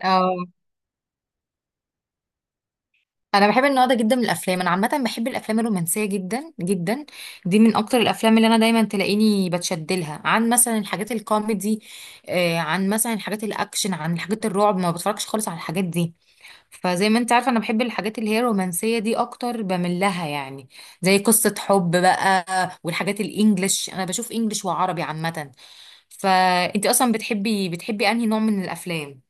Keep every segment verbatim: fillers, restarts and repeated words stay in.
اه. انا بحب النوع ده جدا من الافلام، انا عامه بحب الافلام الرومانسيه جدا جدا. دي من اكتر الافلام اللي انا دايما تلاقيني بتشد لها، عن مثلا الحاجات الكوميدي، آه، عن مثلا الحاجات الاكشن، عن حاجات الرعب ما بتفرجش خالص على الحاجات دي. فزي ما انت عارفه انا بحب الحاجات اللي هي الرومانسيه دي اكتر، بميل لها يعني. زي قصه حب بقى. والحاجات الانجليش انا بشوف انجليش وعربي عامه. فانت اصلا بتحبي بتحبي انهي نوع من الافلام؟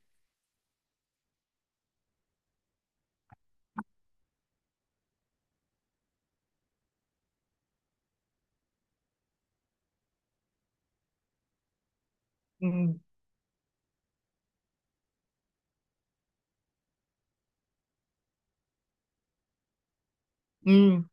امم.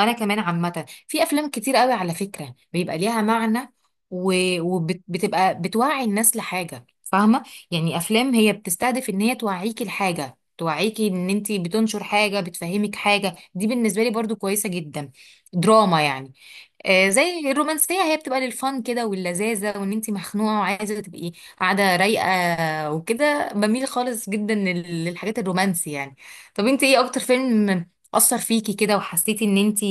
انا كمان عامه في افلام كتير قوي على فكره بيبقى ليها معنى، وبتبقى بتوعي الناس لحاجه، فاهمه؟ يعني افلام هي بتستهدف ان هي توعيكي لحاجه، توعيكي ان انت بتنشر حاجه، بتفهمك حاجه، دي بالنسبه لي برضو كويسه جدا. دراما يعني. آه، زي الرومانسية، هي بتبقى للفن كده واللذاذة، وان انتي مخنوقة وعايزة تبقي قاعدة رايقة وكده، بميل خالص جدا لل- للحاجات الرومانسي يعني. طب انتي ايه اكتر فيلم أثر فيكي كده وحسيتي ان انتي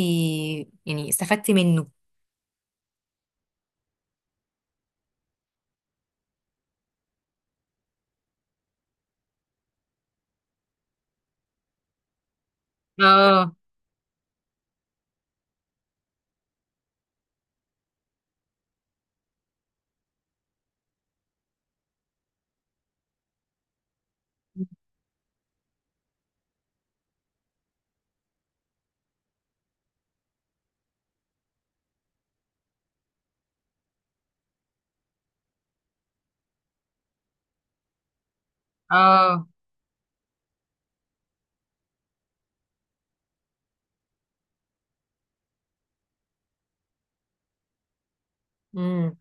يعني استفدتي منه؟ اه. اه. امم.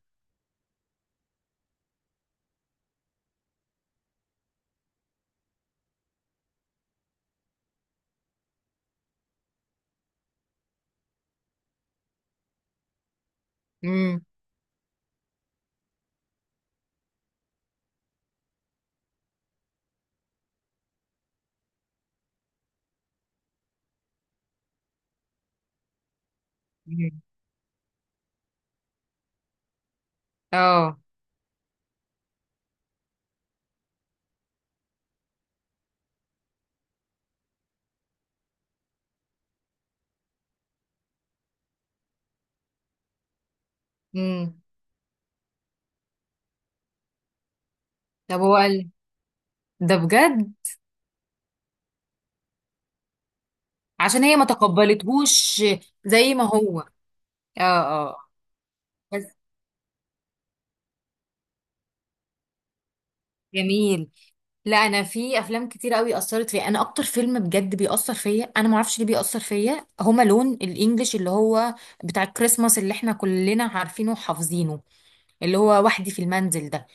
امم. اه. امم. طب هو قال ده بجد؟ عشان هي ما تقبلتهوش زي ما هو. اه، اه. بس. جميل. لا، انا في افلام كتير قوي اثرت فيا، انا اكتر فيلم بجد بيأثر فيا، انا ما اعرفش ليه بيأثر فيا، هما لون الانجليش اللي هو بتاع الكريسماس اللي احنا كلنا عارفينه وحافظينه، اللي هو وحدي في المنزل ده.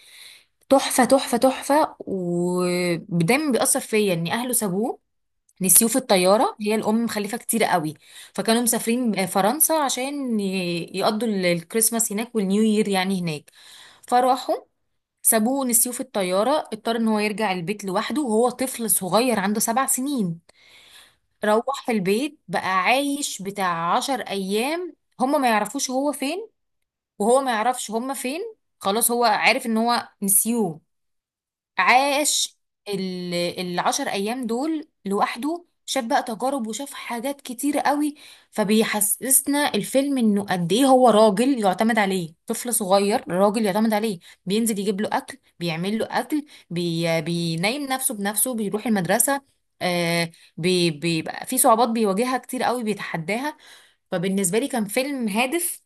تحفة تحفة تحفة. ودايما بيأثر فيا ان اهله سابوه، نسيوه في الطيارة، هي الأم مخلفة كتير قوي. فكانوا مسافرين فرنسا عشان ي- يقضوا ال- الكريسماس هناك والنيو يير يعني هناك. فراحوا سابوه ونسيوه في الطيارة، اضطر ان هو يرجع البيت لوحده وهو طفل صغير عنده سبع سنين. روح في البيت بقى عايش بتاع عشر ايام، هما ما يعرفوش هو فين، وهو ما يعرفش هما فين. خلاص هو عارف ان هو نسيوه. عاش ال- العشر ايام دول لوحده، شاف بقى تجارب وشاف حاجات كتيرة قوي. فبيحسسنا الفيلم انه قد ايه هو راجل يعتمد عليه، طفل صغير راجل يعتمد عليه. بينزل يجيب له اكل، بيعمل له اكل، بي بينيم نفسه بنفسه، بيروح المدرسة. آه بي بيبقى في صعوبات بيواجهها كتير قوي، بيتحداها. فبالنسبة لي كان فيلم هادف،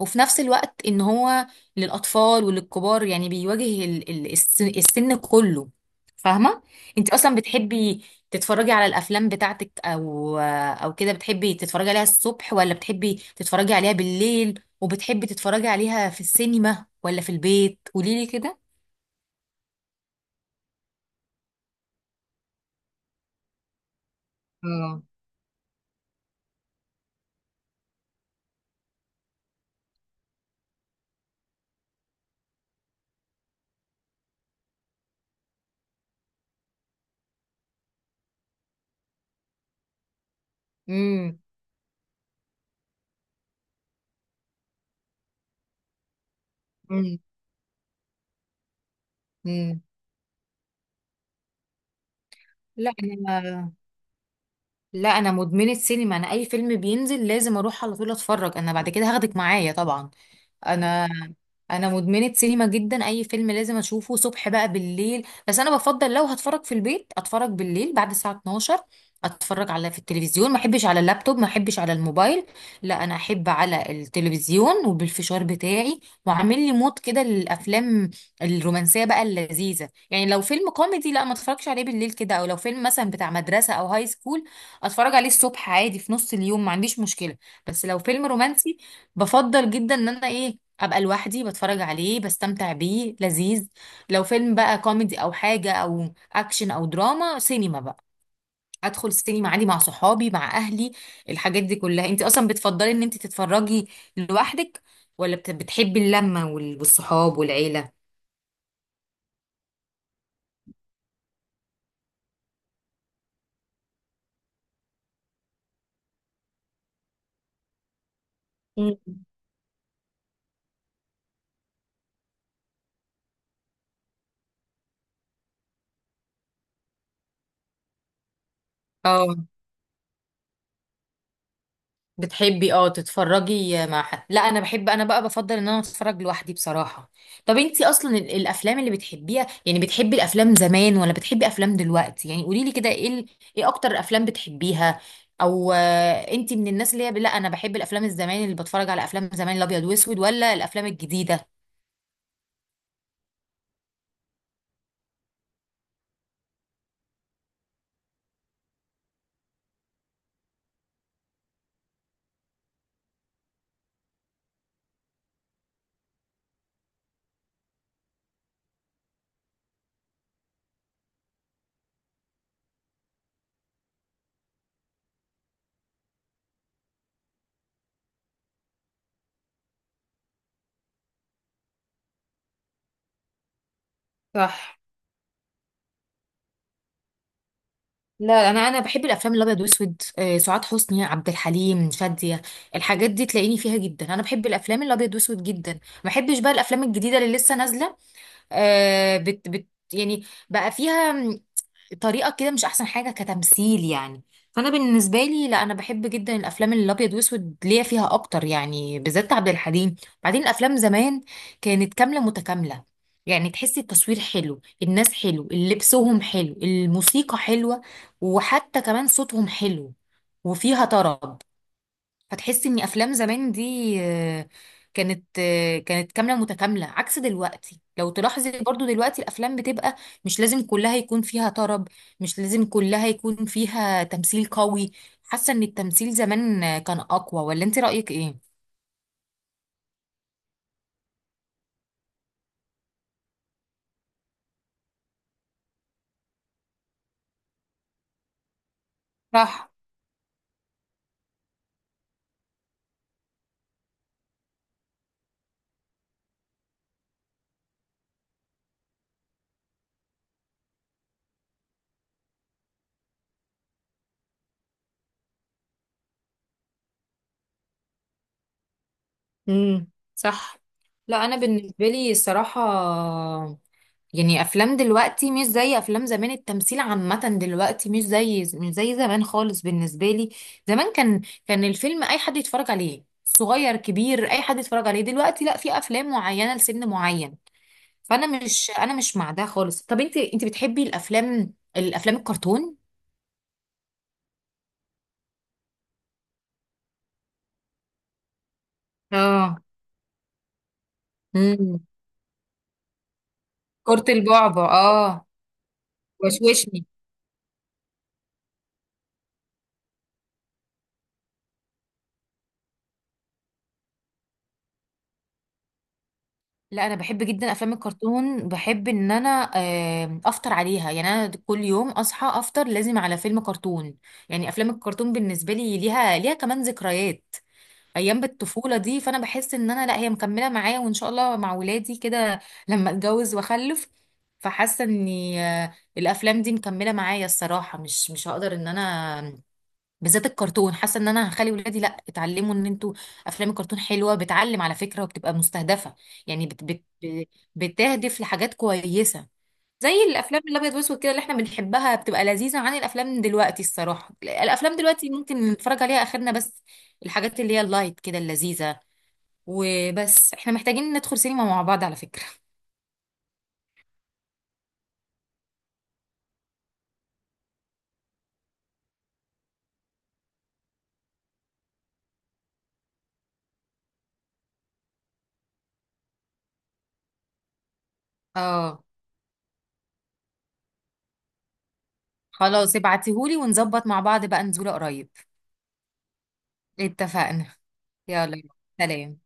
وفي نفس الوقت ان هو للاطفال وللكبار يعني، بيواجه ال- ال- الس- السن كله، فاهمه؟ انت اصلا بتحبي تتفرجي على الافلام بتاعتك، او او كده، بتحبي تتفرجي عليها الصبح ولا بتحبي تتفرجي عليها بالليل، وبتحبي تتفرجي عليها في السينما ولا في البيت؟ قوليلي كده. اه. امم. امم. امم. لا انا لا انا مدمنه سينما، انا اي فيلم بينزل لازم اروح على طول اتفرج، انا بعد كده هاخدك معايا طبعا. انا انا مدمنه سينما جدا، اي فيلم لازم اشوفه، صبح بقى بالليل، بس انا بفضل لو هتفرج في البيت اتفرج بالليل بعد الساعه اتناشر. اتفرج على في التلفزيون، ما احبش على اللابتوب، ما احبش على الموبايل، لا انا احب على التلفزيون وبالفشار بتاعي، وعامل لي مود كده للافلام الرومانسيه بقى اللذيذه. يعني لو فيلم كوميدي لا، ما اتفرجش عليه بالليل كده، او لو فيلم مثلا بتاع مدرسه او هاي سكول اتفرج عليه الصبح عادي في نص اليوم، ما عنديش مشكله. بس لو فيلم رومانسي بفضل جدا ان انا ايه ابقى لوحدي بتفرج عليه، بستمتع بيه، لذيذ. لو فيلم بقى كوميدي او حاجه او اكشن او دراما، سينما بقى، ادخل السينما عادي مع صحابي مع اهلي. الحاجات دي كلها. انت اصلا بتفضلي ان انت تتفرجي لوحدك ولا بت- بتحبي اللمه وال- والصحاب والعيله؟ مم. اه، بتحبي اه تتفرجي مع حد. لا انا بحب، انا بقى بفضل ان انا اتفرج لوحدي بصراحة. طب انتي اصلا ال- الافلام اللي بتحبيها يعني، بتحبي الافلام زمان ولا بتحبي افلام دلوقتي؟ يعني قوليلي كده، ايه ال... ايه اكتر افلام بتحبيها، او آه، انتي من الناس اللي هي ب- لا انا بحب الافلام الزمان، اللي بتفرج على افلام زمان الابيض واسود ولا الافلام الجديدة؟ صح. لا، انا انا بحب الافلام الابيض واسود، آه، سعاد حسني، عبد الحليم، شاديه، الحاجات دي تلاقيني فيها جدا، انا بحب الافلام الابيض واسود جدا. ما بحبش بقى الافلام الجديده اللي لسه نازله، آه بت بت يعني بقى فيها طريقه كده مش احسن حاجه كتمثيل يعني. فانا بالنسبه لي لا، انا بحب جدا الافلام اللي الابيض واسود، ليا فيها اكتر يعني، بالذات عبد الحليم. بعدين الافلام زمان كانت كامله متكامله، يعني تحسي التصوير حلو، الناس حلو لبسهم، حلو الموسيقى حلوه، وحتى كمان صوتهم حلو وفيها طرب. فتحسي ان افلام زمان دي آه، كانت آه، كانت كامله متكامله، عكس دلوقتي. لو تلاحظي برضو دلوقتي الافلام بتبقى مش لازم كلها يكون فيها طرب، مش لازم كلها يكون فيها تمثيل قوي. حاسه ان التمثيل زمان آه، كان اقوى، ولا انت رايك ايه؟ صح. امم. صح. لا انا بالنسبه لي الصراحه يعني افلام دلوقتي مش زي افلام زمان، التمثيل عامه دلوقتي مش زي مش زي زمان خالص بالنسبه لي. زمان كان كان الفيلم اي حد يتفرج عليه، صغير كبير اي حد يتفرج عليه. دلوقتي لا، في افلام معينه لسن معين. فانا مش انا مش مع ده خالص. طب انت انت بتحبي الافلام الافلام الكرتون؟ اه. امم. كرة البعبع، اه. وشوشني. لا، انا بحب جدا افلام الكرتون، بحب ان انا آه، افطر عليها، يعني انا كل يوم اصحى افطر لازم على فيلم كرتون. يعني افلام الكرتون بالنسبه لي ليها ليها كمان ذكريات ايام بالطفوله دي، فانا بحس ان انا لا، هي مكمله معايا، وان شاء الله مع ولادي كده لما اتجوز واخلف. فحاسه ان الافلام دي مكمله معايا الصراحه، مش مش هقدر ان انا آمم، بالذات الكرتون. حاسه ان انا هخلي ولادي لا، اتعلموا ان انتوا افلام الكرتون حلوه، بتعلم على فكره وبتبقى مستهدفه، يعني بت بت بتهدف لحاجات كويسه. زي الافلام الابيض واسود كده اللي احنا بنحبها، بتبقى لذيذه عن الافلام دلوقتي. الصراحه الافلام دلوقتي ممكن نتفرج عليها اخرنا بس، الحاجات اللي هي اللايت كده اللذيذه. وبس، احنا محتاجين ندخل سينما مع بعض على فكره. اه، خلاص ابعتيهولي، ونظبط مع بعض بقى نزوله قريب. اتفقنا. يلا، سلام.